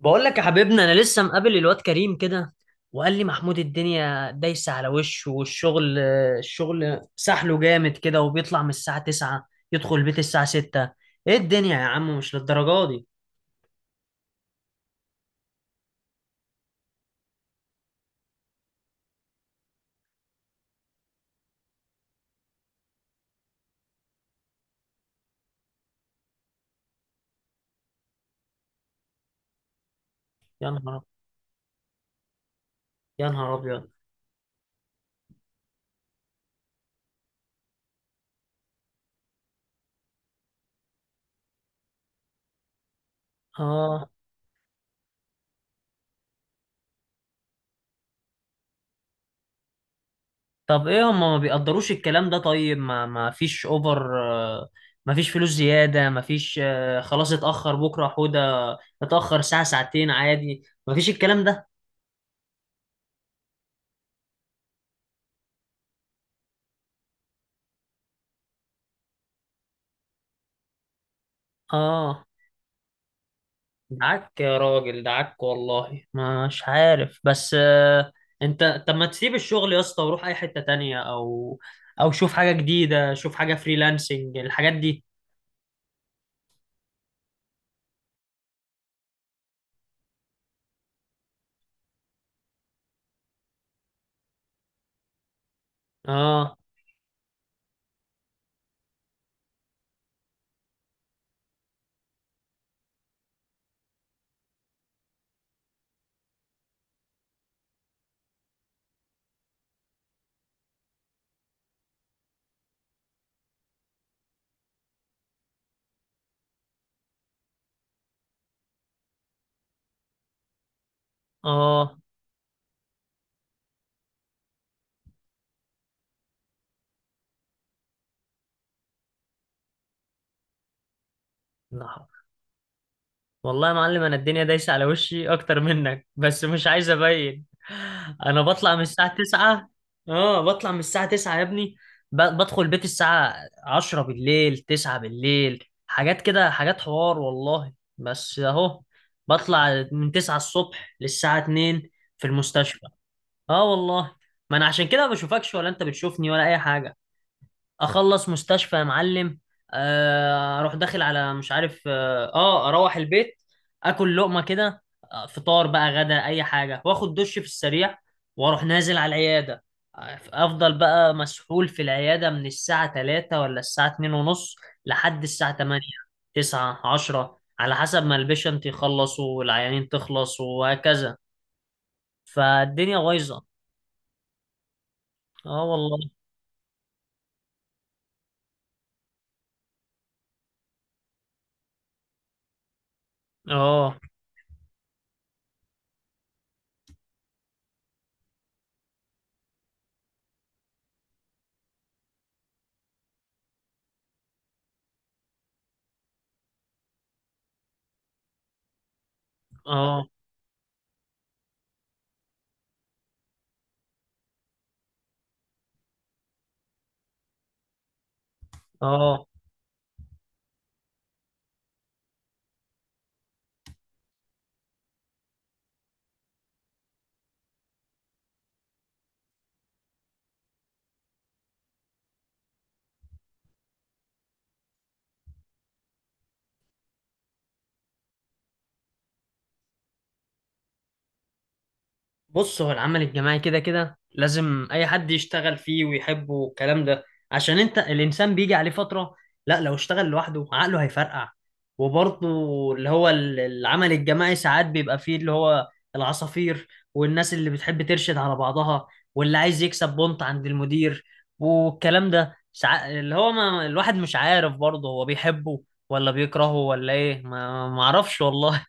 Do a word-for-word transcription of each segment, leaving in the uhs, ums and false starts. بقول لك يا حبيبنا، انا لسه مقابل الواد كريم كده. وقال لي محمود الدنيا دايسه على وشه، والشغل الشغل سحله جامد كده، وبيطلع من الساعه تسعة يدخل البيت الساعه ستة. ايه الدنيا يا عم؟ مش للدرجه دي. يا نهار يا نهار ابيض. اه. طب ايه هم ما بيقدروش الكلام ده؟ طيب ما ما فيش اوفر، آه، ما فيش فلوس زياده، ما فيش، آه، خلاص اتاخر بكره حوده، اتاخر ساعه ساعتين عادي، ما فيش الكلام ده. اه. دعك يا راجل، دعك والله مش عارف بس، آه، انت طب ما تسيب الشغل يا اسطى وروح اي حتة تانية، او او شوف حاجة جديدة، شوف حاجة فريلانسنج الحاجات دي. اه. اه. لا. والله يا معلم، انا الدنيا دايسه على وشي اكتر منك، بس مش عايز ابين. انا بطلع من الساعه تسعة. اه، بطلع من الساعه تسعة يا ابني، ب- بدخل البيت الساعه عشرة بالليل، تسعة بالليل، حاجات كده، حاجات حوار والله، بس اهو. بطلع من تسعة الصبح للساعه اثنين في المستشفى. اه والله. ما انا عشان كده ما بشوفكش، ولا انت بتشوفني، ولا اي حاجه. اخلص مستشفى يا معلم، آه، اروح داخل على مش عارف اه، آه، اروح البيت، اكل لقمه كده، آه، فطار بقى غدا اي حاجه، واخد دش في السريع، واروح نازل على العياده. آه، افضل بقى مسحول في العياده من الساعه تلاتة ولا الساعه اتنين ونص لحد الساعه تمانية، تسعة، عشرة، على حسب ما البيشنت يخلص والعيانين تخلص وهكذا. فالدنيا بايظه. اه والله. اه. اه. اه. بص، هو العمل الجماعي كده كده لازم اي حد يشتغل فيه ويحبه والكلام ده. عشان انت الانسان بيجي عليه فترة، لا، لو اشتغل لوحده عقله هيفرقع. وبرضه اللي هو ال- العمل الجماعي ساعات بيبقى فيه اللي هو العصافير، والناس اللي بتحب ترشد على بعضها، واللي عايز يكسب بونت عند المدير، والكلام ده ساعات، اللي هو ما الواحد مش عارف برضه هو بيحبه ولا بيكرهه ولا ايه، ما ما اعرفش والله.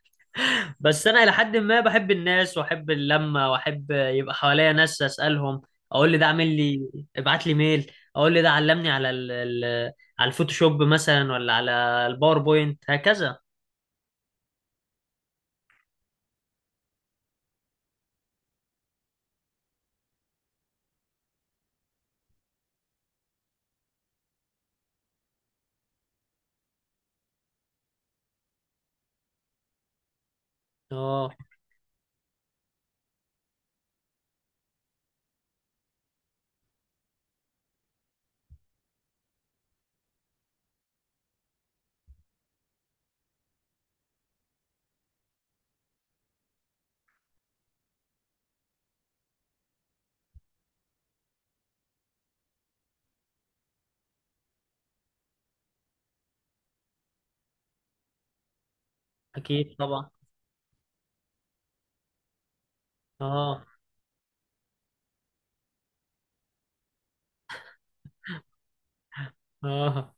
بس انا الى حد ما بحب الناس، واحب اللمه، واحب يبقى حواليا ناس اسالهم، اقول لي ده عامل لي، ابعت لي ميل، اقول لي ده علمني على ال... ال... على الفوتوشوب مثلا، ولا على الباوربوينت هكذا. اه اكيد طبعا. اه. اه.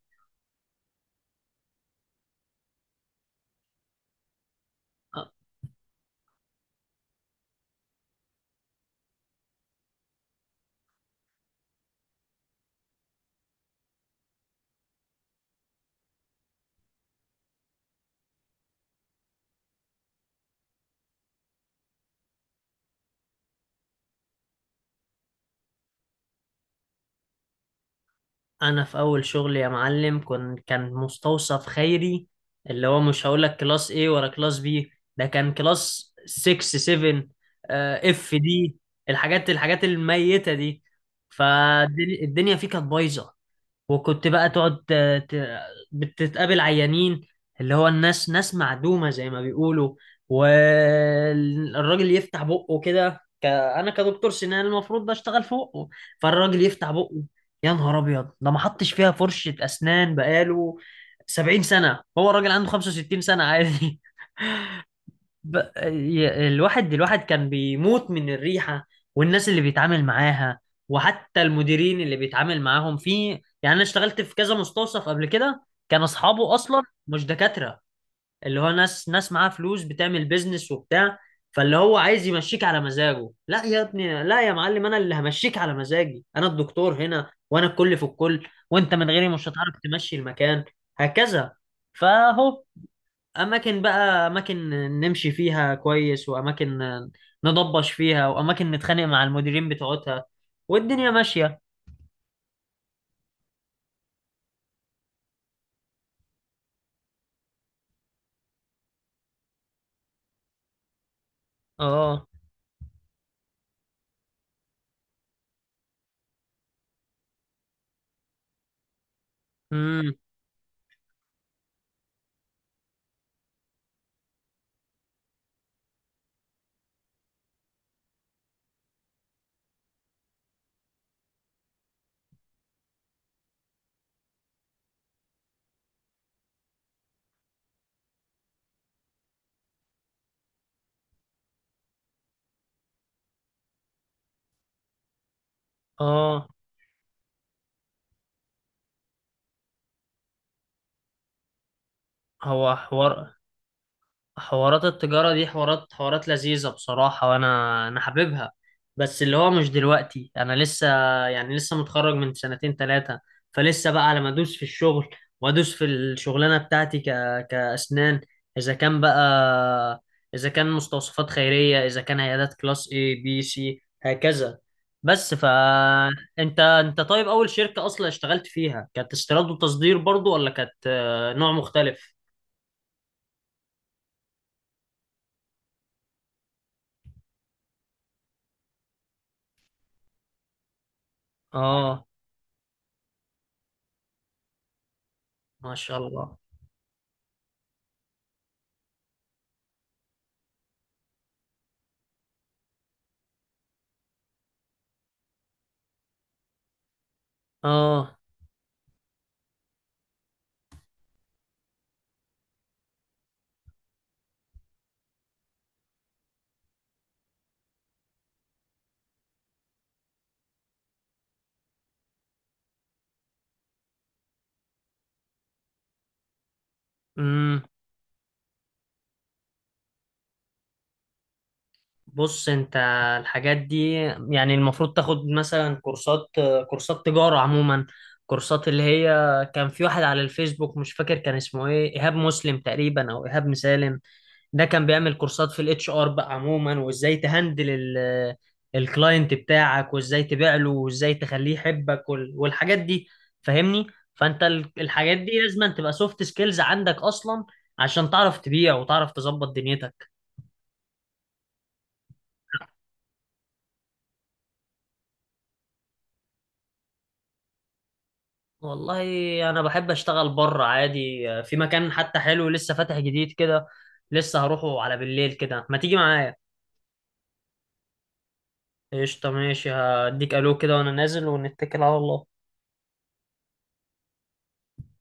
انا في اول شغل يا معلم، كن كان مستوصف خيري. اللي هو مش هقول لك كلاس A ولا كلاس B، ده كان كلاس ستة سبعة اف دي. الحاجات الحاجات الميتة دي. فالدنيا فيه كانت بايظة. وكنت بقى تقعد ت- ت- بتتقابل عيانين اللي هو الناس ناس معدومة زي ما بيقولوا. والراجل يفتح بقه كده، ك... انا كدكتور سنان المفروض بشتغل فوقه. فالراجل يفتح بقه، يا نهار ابيض. ده ما حطش فيها فرشة اسنان بقاله سبعين سنة، هو الراجل عنده خمسة وستين سنة عادي. ب... ي- الواحد الواحد كان بيموت من الريحة، والناس اللي بيتعامل معاها، وحتى المديرين اللي بيتعامل معاهم في. يعني انا اشتغلت في كذا مستوصف قبل كده كان اصحابه اصلا مش دكاترة، اللي هو ناس ناس معاها فلوس بتعمل بيزنس وبتاع، فاللي هو عايز يمشيك على مزاجه. لا يا ابني، لا يا معلم، انا اللي همشيك على مزاجي. انا الدكتور هنا وانا الكل في الكل، وانت من غيري مش هتعرف تمشي المكان هكذا. فهو اماكن بقى، اماكن نمشي فيها كويس، واماكن نضبش فيها، واماكن نتخانق مع المديرين بتوعتها، والدنيا ماشية. اه. امم. اه، هو حوار. حوارات التجارة دي حوارات حوارات لذيذة بصراحة، وأنا أنا حاببها. بس اللي هو مش دلوقتي، أنا لسه يعني لسه متخرج من سنتين تلاتة، فلسه بقى لما أدوس في الشغل، وأدوس في الشغلانة بتاعتي ك... كأسنان. إذا كان بقى، إذا كان مستوصفات خيرية، إذا كان عيادات كلاس A B C هكذا. بس فأنت أنت أنت طيب، أول شركة أصلا اشتغلت فيها كانت استيراد وتصدير برضو، ولا كانت، آه، نوع مختلف؟ آه. ما شاء الله. اه. امم. بص انت الحاجات دي يعني المفروض تاخد مثلا كورسات، كورسات تجارة عموما، كورسات اللي هي كان في واحد على الفيسبوك مش فاكر كان اسمه ايه، ايهاب مسلم تقريبا او ايهاب مسالم. ده كان بيعمل كورسات في الاتش ار بقى عموما، وازاي تهندل ال الكلاينت بتاعك، وازاي تبيع له، وازاي تخليه يحبك، وال- والحاجات دي فاهمني. فانت ال- الحاجات دي لازم تبقى سوفت سكيلز عندك اصلا، عشان تعرف تبيع وتعرف تظبط دنيتك. والله انا بحب اشتغل بره عادي، في مكان حتى حلو لسه فاتح جديد كده، لسه هروحه على بالليل كده، ما تيجي معايا؟ قشطة ماشي، هديك الو كده وانا نازل، ونتكل على الله.